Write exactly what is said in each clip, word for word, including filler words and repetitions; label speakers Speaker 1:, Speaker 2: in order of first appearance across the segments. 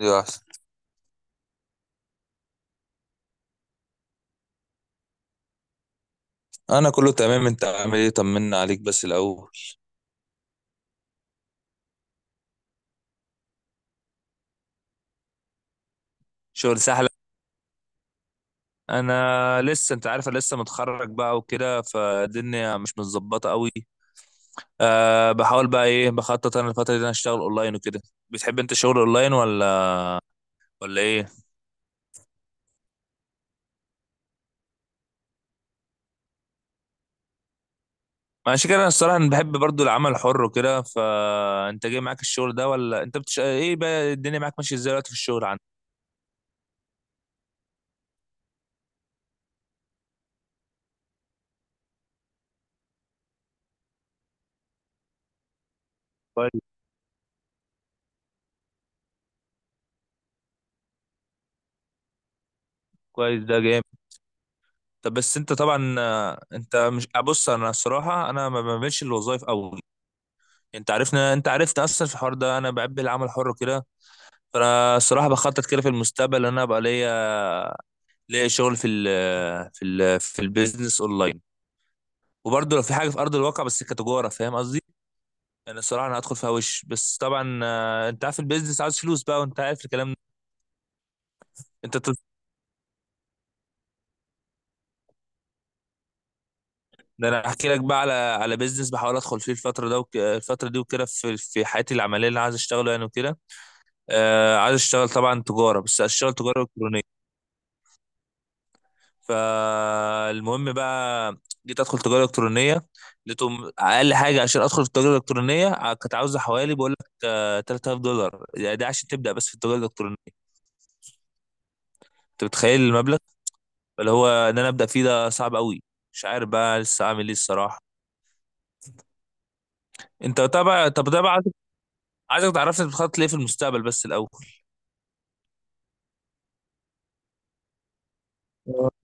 Speaker 1: يا أحسن. أنا كله تمام، أنت عامل إيه؟ طمنا عليك بس الأول. شغل سهلة. أنا لسه أنت عارف، أنا لسه متخرج بقى وكده، فالدنيا مش متظبطة قوي. أه بحاول بقى، إيه، بخطط أنا الفترة دي إن أنا أشتغل أونلاين وكده. بتحب أنت شغل أونلاين ولا ولا إيه؟ ماشي كده. أنا الصراحة أنا بحب برضو العمل الحر وكده، فأنت جاي معاك الشغل ده، ولا أنت بتش... إيه بقى، الدنيا معاك ماشية إزاي دلوقتي في الشغل عندك؟ كويس. كويس، ده جامد. طب بس أنت طبعا، آه، أنت، مش، بص، أنا الصراحة أنا ما بعملش الوظائف أوي. انت عارفنا، انت عرفت اصلا في الحوار ده انا بحب العمل الحر كده. فانا الصراحه بخطط كده في المستقبل ان انا ابقى ليا، ليا شغل في ال في ال في البيزنس اونلاين. وبرضه لو في حاجه في ارض الواقع، بس كتجاره، فاهم قصدي. انا الصراحه انا هدخل فيها وش. بس طبعا، آه، انت عارف البيزنس عاوز فلوس بقى، وانت عارف الكلام ده. انت تط... ده انا احكي لك بقى على على بيزنس بحاول ادخل فيه الفتره ده وك... الفتره دي وكده، في في حياتي العمليه اللي انا عايز اشتغله يعني وكده. آه، عايز اشتغل طبعا تجاره، بس اشتغل تجاره الكترونيه. فالمهم بقى، جيت ادخل تجاره الكترونيه. لقيتهم اقل حاجه عشان ادخل في التجاره الالكترونيه، ع- كانت عاوزه حوالي، بقول لك، آه، تلات آلاف دولار، يعني ده عشان تبدا بس في التجاره الالكترونيه. انت متخيل المبلغ اللي هو ان انا ابدا فيه ده، صعب قوي. مش عارف بقى لسه اعمل ايه الصراحه. انت طبعا، طب، ده بقى عايزك، عايزك تعرفني انت بتخطط ليه في المستقبل بس الاول. آه.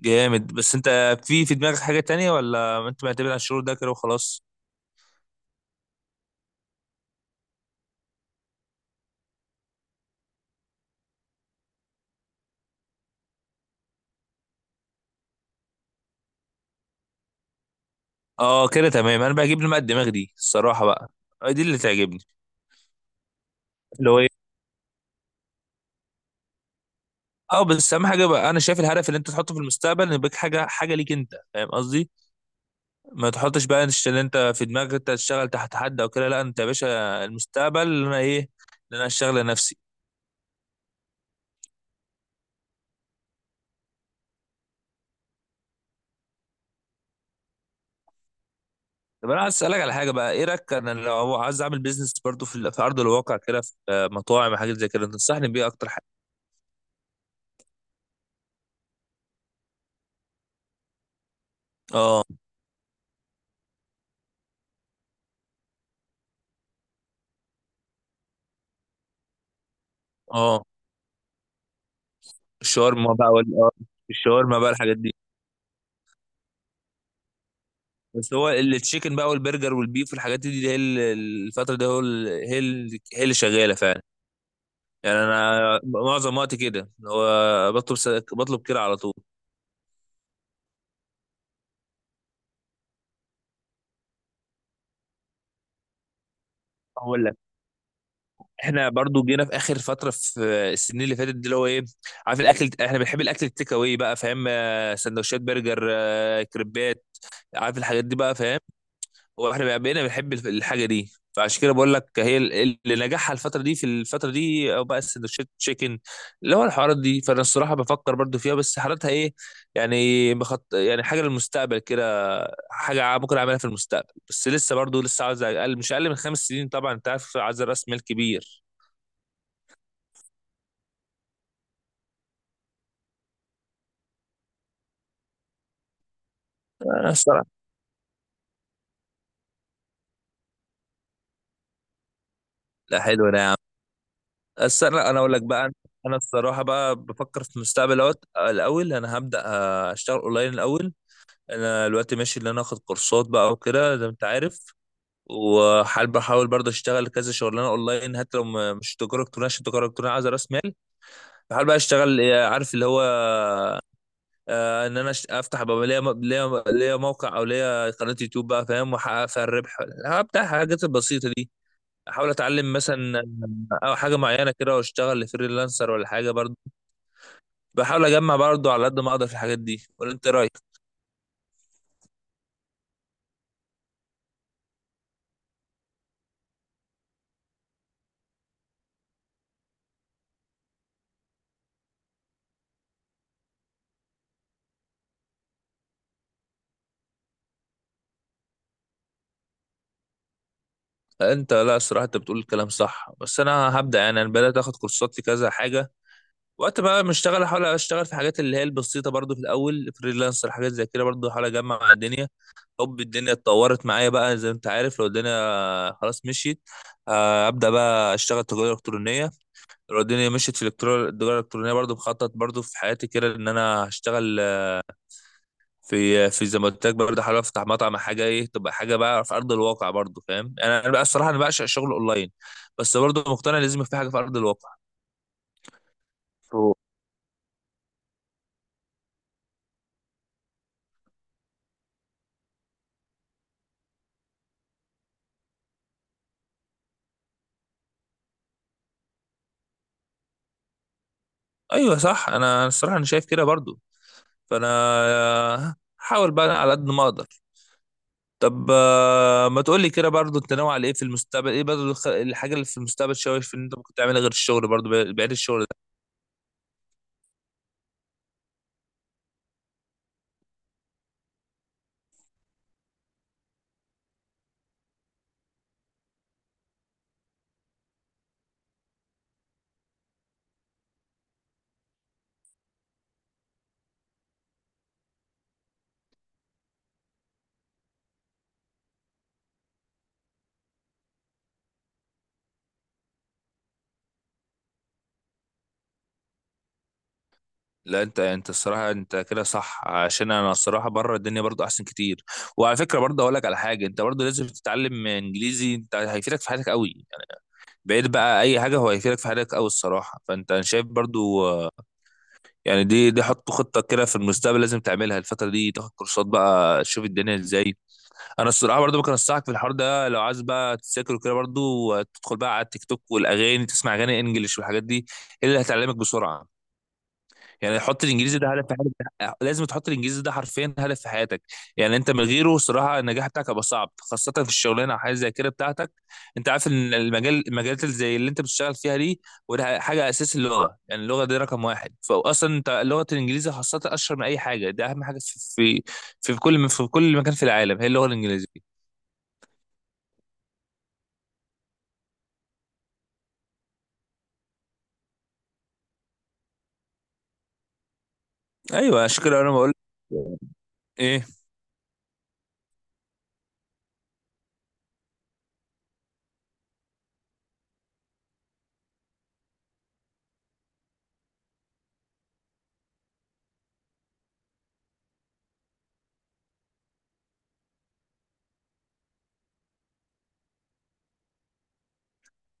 Speaker 1: جامد، بس انت في في دماغك حاجه تانية، ولا انت معتمد على الشغل ده كده وخلاص؟ اه كده تمام، انا بجيب لي بقى الدماغ دي الصراحه بقى. آه، دي اللي تعجبني. اللي هو، اه، بس اهم حاجه بقى انا شايف الهدف اللي انت تحطه في المستقبل ان يبقى حاجه، حاجه ليك انت، فاهم قصدي. ما تحطش بقى، إنش- ان انت في دماغك انت تشتغل تحت حد او كده، لا انت يا باشا المستقبل اللي انا، ايه، اللي انا اشتغل لنفسي. طب انا عايز اسالك على حاجه بقى، ايه رايك انا لو عايز اعمل بيزنس برضو في ال- في ارض الواقع كده، في، آه، مطاعم، حاجات زي كده، تنصحني بيه اكتر حاجه؟ اه. اه، الشاورما بقى وال آه، الشاورما بقى، الحاجات دي. بس هو التشيكن بقى والبرجر والبيف والحاجات دي، دي هي ال- الفتره دي هو ال- هي ال- هي اللي شغاله فعلا. يعني انا معظم وقتي كده هو بطلب س- بطلب كده على طول. هقول لك، احنا برضو جينا في اخر فتره في السنين اللي فاتت دي، اللي هو ايه، عارف الاكل، احنا بنحب الاكل التيك اواي بقى، فاهم، آه، سندوتشات برجر، آه، كريبات، عارف الحاجات دي بقى، فاهم، واحنا بقى- بقينا بنحب الف- الحاجه دي، فعشان كده بقول لك هي ال- اللي نجحها الفتره دي، في الفتره دي، او بقى السندوتشات تشيكن، اللي هو الحوارات دي. فانا الصراحه بفكر برضو فيها، بس حالتها ايه، يعني بخط، يعني حاجه للمستقبل كده، حاجه ع- ممكن اعملها في المستقبل، بس لسه برضو لسه عاوز اقل، مش اقل من خمس سنين طبعا، انت عارف عايز راس مال كبير. انا الصراحه، لا، حلو ده يا عم. بس انا أنا اقول لك بقى، انا الصراحه بقى بفكر في المستقبل اهوت. الاول انا هبدا اشتغل اونلاين الاول. انا دلوقتي ماشي اللي انا اخد كورسات بقى وكده زي ما انت عارف. وحال بحاول برضه اشتغل كذا شغلانه اونلاين، حتى لو ما- مش تجاره الكترونيه، عشان التجاره الالكترونيه عايزه راس مال. بحاول بقى اشتغل، آه، عارف اللي هو، آه، ان انا أش- افتح بقى ليا م- ليا ليا موقع او ليا قناه يوتيوب بقى، فاهم، واحقق فيها الربح. هبدا الحاجات البسيطه دي. احاول اتعلم مثلا، او حاجه معينه كده، واشتغل فريلانسر ولا حاجه برضه. بحاول اجمع برضه على قد ما اقدر في الحاجات دي، ولا انت إيه رايك؟ انت، لا، الصراحه انت بتقول الكلام صح، بس انا هبدا يعني، انا بدات اخد كورسات في كذا حاجه. وقت بقى ما اشتغل، احاول اشتغل في حاجات اللي هي البسيطه برضو في الاول، فريلانسر، حاجات زي كده برضو، احاول اجمع مع الدنيا. حب الدنيا اتطورت معايا بقى، زي ما انت عارف، لو الدنيا خلاص مشيت، آه، ابدا بقى اشتغل تجاره الكترونيه. لو الدنيا مشيت في الإلكترو- التجاره الالكترونيه، برضو بخطط برضو في حياتي كده ان انا هشتغل في، في زي ما قلت لك برضه، حابب افتح مطعم، حاجه ايه تبقى حاجه بقى في ارض الواقع برضه، فاهم، انا انا بقى الصراحه انا بعشق الشغل اونلاين، بس برضه مقتنع لازم يبقى في حاجه في ارض الواقع. أوه. ايوه صح، انا الصراحه انا شايف كده برضه. فانا هحاول بقى على قد ما اقدر. طب، آه، ما تقول لي كده برضه، انت ناوي على ايه في المستقبل، ايه برضه الخ- الحاجه اللي في المستقبل شايف ان انت ممكن تعملها غير الشغل، برضه بعيد الشغل. لا انت انت الصراحه انت كده صح، عشان انا الصراحه بره الدنيا برضو احسن كتير. وعلى فكره برضو اقول لك على حاجه، انت برضو لازم تتعلم انجليزي، انت هيفيدك في حياتك قوي يعني، بعيد بقى اي حاجه، هو هيفيدك في حياتك قوي الصراحه. فانت انا شايف برضو، آه، يعني دي دي حط خطه كده في المستقبل لازم تعملها الفتره دي، تاخد كورسات بقى، تشوف الدنيا ازاي. انا الصراحه برضو ممكن انصحك في الحوار ده، لو عايز بقى تذاكر كده برضو، آه، تدخل بقى على التيك توك والاغاني، تسمع اغاني انجليش والحاجات دي، هي اللي هتعلمك بسرعه. يعني حط الانجليزي ده هدف في حياتك، لازم تحط الانجليزي ده حرفيا هدف في حياتك. يعني انت من غيره صراحه النجاح بتاعك هيبقى صعب، خاصه في الشغلانه او حاجه زي كده بتاعتك. انت عارف ان المجال، المجالات اللي زي اللي انت بتشتغل فيها دي، وده حاجه اساس، اللغه يعني اللغه دي رقم واحد، فاصلا انت لغه الانجليزي خاصه اشهر من اي حاجه، ده اهم حاجه في في في كل في كل مكان في العالم هي اللغه الانجليزيه. ايوه، عشان كده انا بقول، ايه،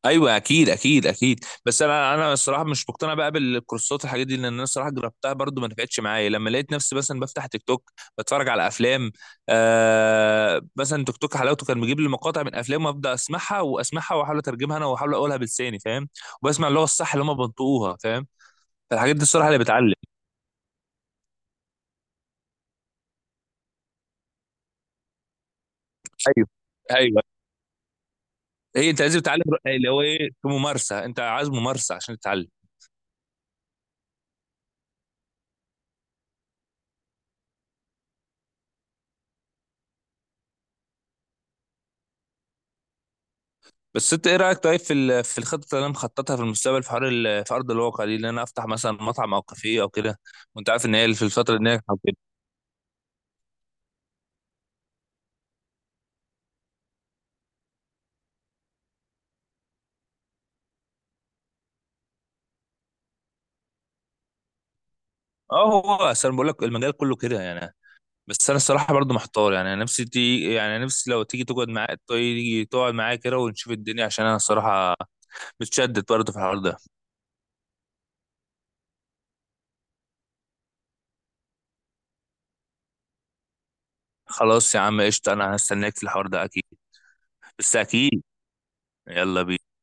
Speaker 1: ايوه، اكيد اكيد اكيد، بس انا انا الصراحه مش مقتنع بقى بالكورسات الحاجات دي، لان انا الصراحه جربتها برضو ما نفعتش معايا، لما لقيت نفسي مثلا بفتح تيك توك، بتفرج على افلام. آه، مثلا تيك توك حلاوته كان بيجيب لي مقاطع من افلام، وابدا اسمعها واسمعها، واحاول اترجمها انا، واحاول اقولها بلساني، فاهم، وبسمع اللغه الصح اللي هم بينطقوها، فاهم، فالحاجات دي الصراحه اللي بتعلم. ايوه، ايوه، هي انت لازم تتعلم اللي هو ايه، في ممارسه، انت عايز ممارسه عشان تتعلم. بس انت ايه رايك طيب في ال- في الخطه اللي انا مخططها في المستقبل، في حوار ال- في ارض الواقع دي، اللي انا افتح مثلا مطعم او كافيه او كده، وانت عارف ان هي في الفتره دي ناجحه وكده. اه، هو اصل انا بقول لك المجال كله كده يعني. بس انا الصراحه برضو محتار يعني، انا نفسي تي يعني نفسي لو تيجي تقعد معايا، تيجي تقعد معايا كده، ونشوف الدنيا، عشان انا الصراحه متشدد برضو في الحوار ده. خلاص يا عم، قشطه، انا هستناك في الحوار ده اكيد. بس اكيد. يلا بينا.